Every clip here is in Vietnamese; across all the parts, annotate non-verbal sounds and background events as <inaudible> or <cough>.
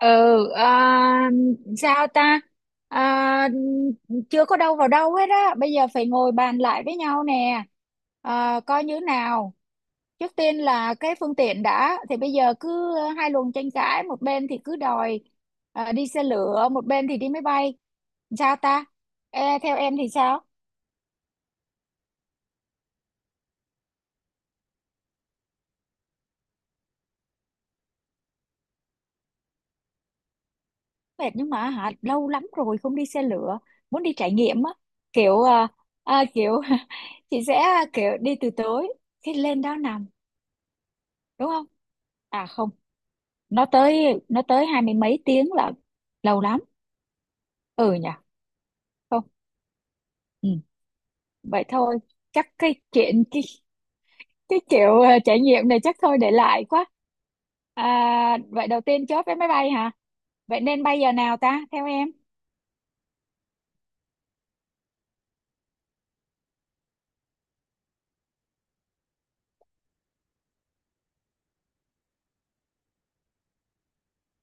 Ừ. à, Sao ta? À, chưa có đâu vào đâu hết á, bây giờ phải ngồi bàn lại với nhau nè. Coi như nào. Trước tiên là cái phương tiện đã, thì bây giờ cứ hai luồng tranh cãi, một bên thì cứ đòi đi xe lửa, một bên thì đi máy bay. Sao ta? Ê, theo em thì sao? Mệt nhưng mà hả, lâu lắm rồi không đi xe lửa, muốn đi trải nghiệm á, kiểu kiểu. <laughs> Chị sẽ kiểu đi từ tối, khi lên đó nằm, đúng không? À không, nó tới hai mươi mấy tiếng là lâu lắm. Ừ nhỉ. Không. Ừ. Vậy thôi. Chắc cái chuyện cái kiểu trải nghiệm này chắc thôi để lại quá. à, vậy đầu tiên chốt vé máy bay hả? Vậy nên bay giờ nào ta, theo em?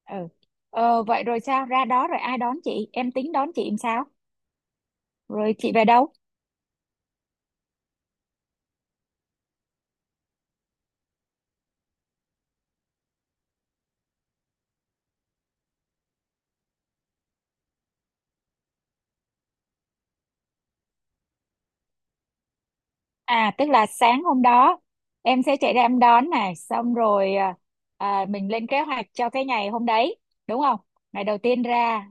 Ừ. Vậy rồi sao, ra đó rồi ai đón chị, em tính đón chị làm sao, rồi chị về đâu? Tức là sáng hôm đó em sẽ chạy ra em đón, này xong rồi mình lên kế hoạch cho cái ngày hôm đấy, đúng không? Ngày đầu tiên ra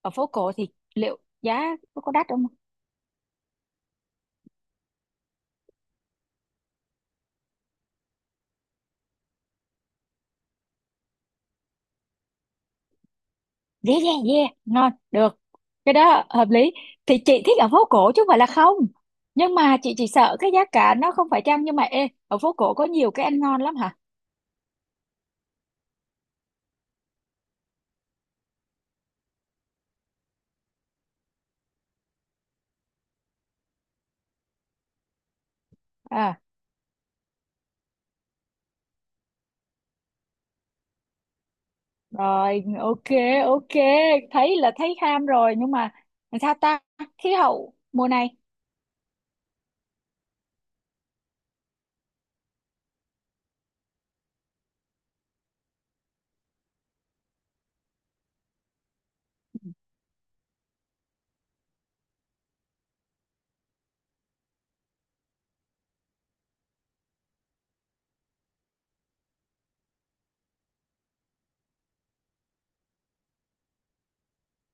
ở phố cổ thì liệu giá có đắt không? Yeah, yeah, yeah, ngon được, cái đó hợp lý. Thì chị thích ở phố cổ chứ không phải là không, nhưng mà chị chỉ sợ cái giá cả nó không phải chăng. Nhưng mà ê, ở phố cổ có nhiều cái ăn ngon lắm hả? À Rồi, ok, ok, thấy là thấy ham rồi, nhưng mà làm sao ta, khí hậu mùa này?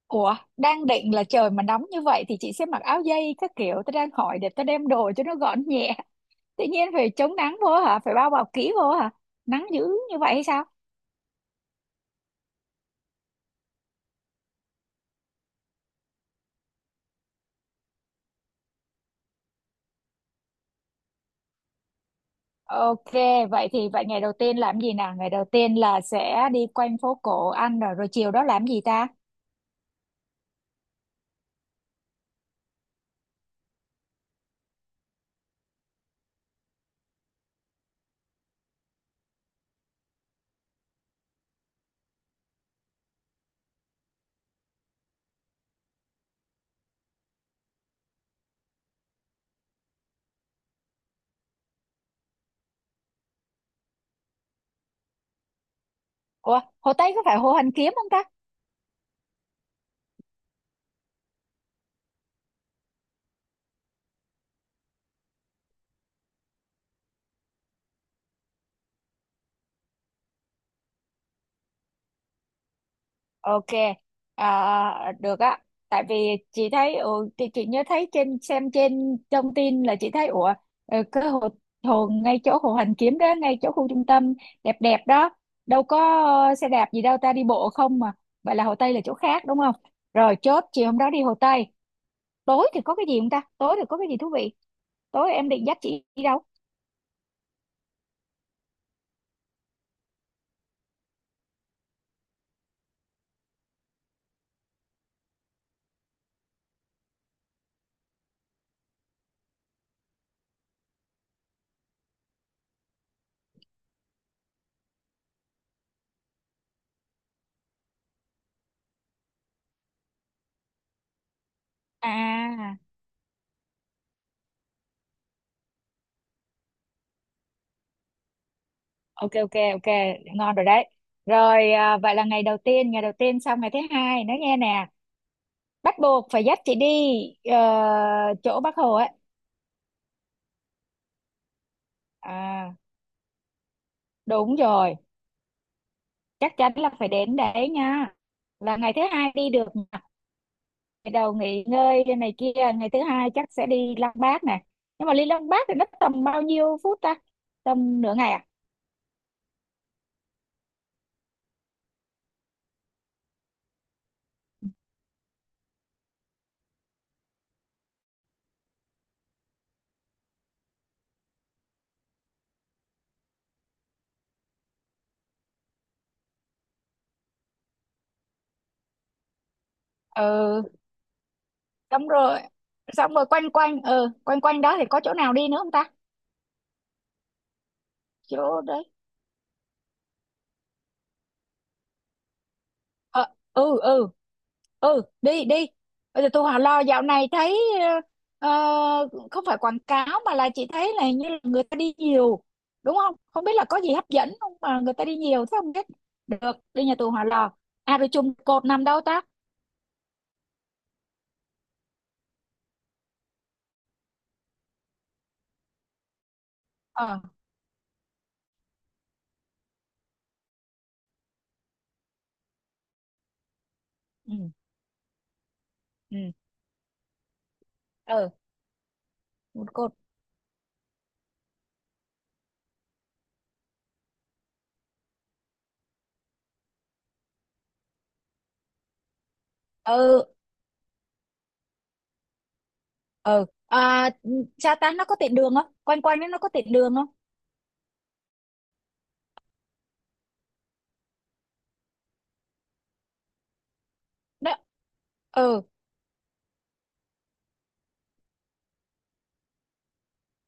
Ủa, đang định là trời mà nóng như vậy thì chị sẽ mặc áo dây các kiểu. Tôi đang hỏi để tôi đem đồ cho nó gọn nhẹ. <laughs> Tự nhiên phải chống nắng vô hả? Phải bao bọc kỹ vô hả? Nắng dữ như vậy hay sao? Ok, vậy thì vậy, ngày đầu tiên làm gì nào? Ngày đầu tiên là sẽ đi quanh phố cổ ăn rồi, chiều đó làm gì ta? Ủa, Hồ Tây có phải Hồ Hoàn Kiếm không ta? Ok, được á. Tại vì chị thấy, thì chị nhớ thấy trên, xem trên thông tin là chị thấy ủa, cái hồ ngay chỗ hồ Hoàn Kiếm đó, ngay chỗ khu trung tâm đẹp đẹp đó, đâu có xe đạp gì đâu ta, đi bộ không mà. Vậy là Hồ Tây là chỗ khác đúng không? Rồi, chốt chiều hôm đó đi Hồ Tây. Tối thì có cái gì không ta? Tối thì có cái gì thú vị? Tối em định dắt chị đi đâu? À, ok, ok, ok, ngon rồi đấy. Rồi vậy là ngày đầu tiên xong ngày thứ hai, nói nghe nè. Bắt buộc phải dắt chị đi ờ, chỗ Bác Hồ ấy. à Đúng rồi, chắc chắn là phải đến đấy nha, là ngày thứ hai đi được nè. Ngày đầu nghỉ ngơi này kia, ngày thứ hai chắc sẽ đi Lăng Bác này. Nhưng mà đi Lăng Bác thì nó tầm bao nhiêu phút ta? Tầm nửa ngày à? Ừ. xong rồi xong rồi, quanh quanh, quanh quanh đó thì có chỗ nào đi nữa không ta? Chỗ đấy. Ờ. Ừ, ừ. Ừ, đi đi. Bây giờ tôi hỏi lo, dạo này thấy ờ, không phải quảng cáo, mà là chị thấy là hình như là người ta đi nhiều đúng không, không biết là có gì hấp dẫn không mà người ta đi nhiều thế không biết, được đi nhà tù Hỏa Lò. Rồi chùm cột nằm đâu ta? Ờ. Ừ, ừ, ừ. Một cột. Ừ, ừ. Sa Tan nó có tiện đường không, quanh quanh nó có tiện đường không? Đó. Ừ.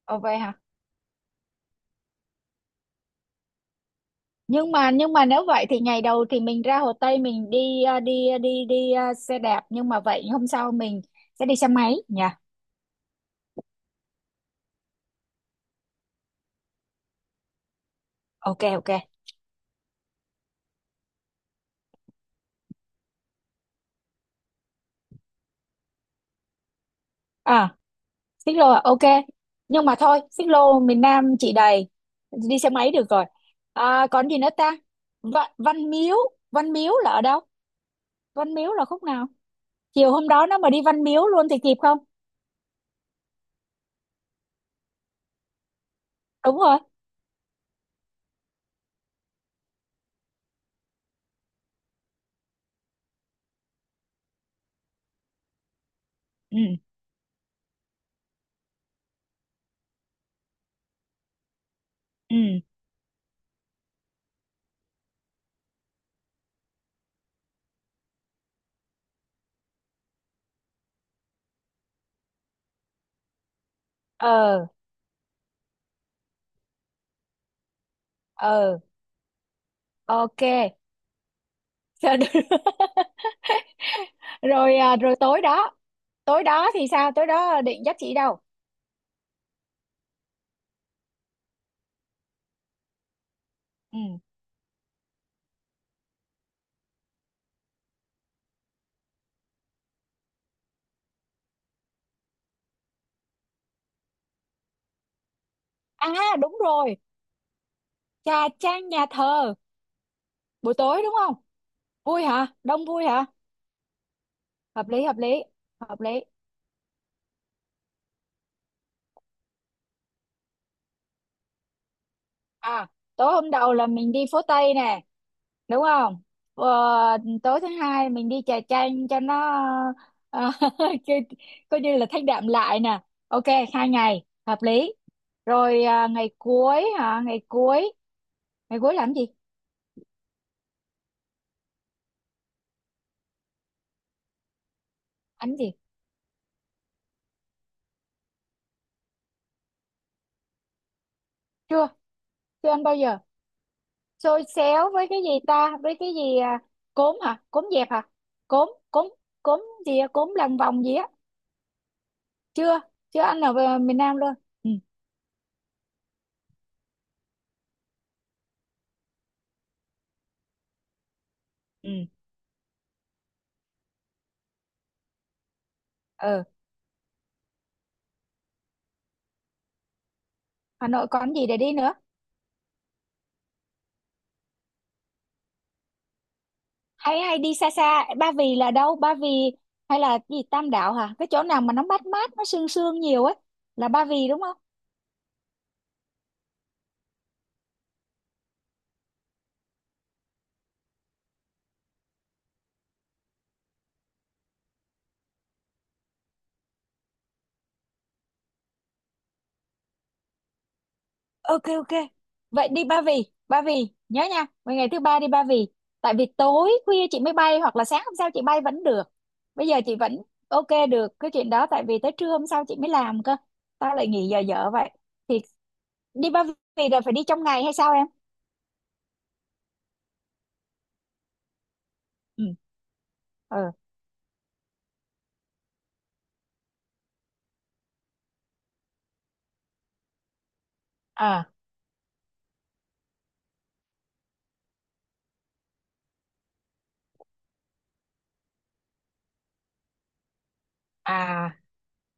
Ờ, vậy hả? Nhưng mà nếu vậy thì ngày đầu thì mình ra Hồ Tây mình đi à, đi à, đi đi à, xe đạp, nhưng mà vậy hôm sau mình sẽ đi xe máy nhỉ. Ok, ok. à Xích lô ok, nhưng mà thôi xích lô miền Nam chị đầy, đi xe máy được rồi. Còn gì nữa ta? Văn Miếu, Văn Miếu là ở đâu, Văn Miếu là khúc nào, chiều hôm đó nó mà đi Văn Miếu luôn thì kịp không? Đúng rồi. Ừ, ừ. Ờ. Ờ, ok. Sao được? <laughs> Rồi rồi tối đó thì sao, tối đó định dắt chị đâu? Ừ. à Đúng rồi, trà, trang nhà thờ buổi tối đúng không? Vui hả, đông vui hả? Hợp lý, hợp lý, hợp lý. à Tối hôm đầu là mình đi phố Tây nè, đúng không? Ờ, tối thứ hai mình đi trà chanh cho nó ờ, <laughs> coi coi như là thanh đạm lại nè. Ok, 2 ngày hợp lý. Rồi ngày cuối hả, ngày cuối, ngày cuối làm gì? Ăn gì? Chưa, chưa ăn bao giờ. Xôi xéo với cái gì ta, với cái gì cốm hả, cốm dẹp hả, cốm cốm cốm gì á? Cốm lằn vòng gì á? Chưa, chưa ăn ở miền Nam luôn. Ừ, ừ, ừ. Hà Nội còn gì để đi nữa? Hay hay đi xa xa. Ba Vì là đâu Ba Vì? Hay là cái gì, Tam Đảo hả, cái chỗ nào mà nó mát mát, nó sương sương nhiều ấy, là Ba Vì đúng không? Ok, ok. Vậy đi Ba Vì, Ba Vì nhớ nha. Vậy ngày thứ ba đi Ba Vì, tại vì tối khuya chị mới bay, hoặc là sáng hôm sau chị bay vẫn được. Bây giờ chị vẫn ok được cái chuyện đó, tại vì tới trưa hôm sau chị mới làm cơ, tao lại nghỉ giờ dở vậy. Thì đi Ba Vì là phải đi trong ngày hay sao em? Ừ, ừ. ờ, À, à.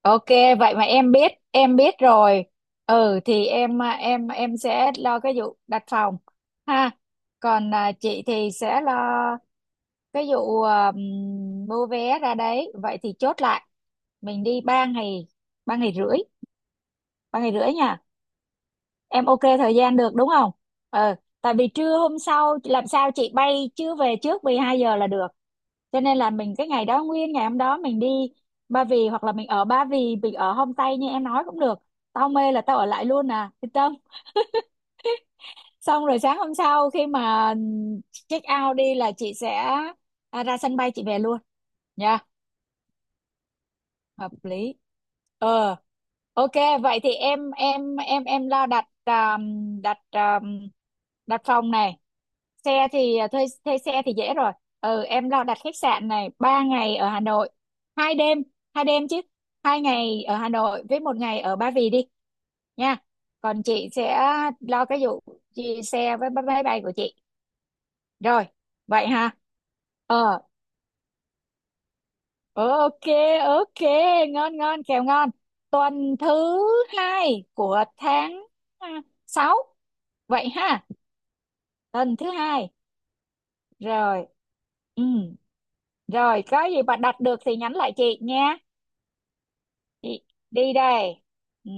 Ok, vậy mà em biết rồi. Ừ, thì em em sẽ lo cái vụ đặt phòng ha. Còn chị thì sẽ lo cái vụ mua vé ra đấy. Vậy thì chốt lại mình đi 3 ngày, 3 ngày rưỡi, 3 ngày rưỡi nha. Em ok thời gian được đúng không? Ừ, tại vì trưa hôm sau làm sao chị bay, chưa về trước 12 giờ là được. Cho nên là mình cái ngày đó nguyên ngày hôm đó mình đi Ba Vì, hoặc là mình ở Ba Vì, mình ở homestay như em nói cũng được, tao mê là tao ở lại luôn à, yên tâm. Xong rồi sáng hôm sau, khi mà check out đi là chị sẽ ra sân bay chị về luôn nha. Hợp lý. Ờ, ok. Vậy thì em lo đặt đặt đặt phòng này. Xe thì à, thuê thuê xe thì dễ rồi. Ừ, em lo đặt khách sạn này, 3 ngày ở Hà Nội, 2 đêm, 2 đêm chứ, 2 ngày ở Hà Nội với một ngày ở Ba Vì đi nha. Còn chị sẽ lo cái vụ chị, xe với máy bay của chị. Rồi, vậy ha. Ờ, ok, ok. Ngon, ngon kèo, ngon. Tuần thứ hai của tháng à, 6 vậy ha. Tuần thứ hai. Rồi. Ừ. Rồi, có gì bà đặt được thì nhắn lại chị nha. Chị đi đây. Ừ.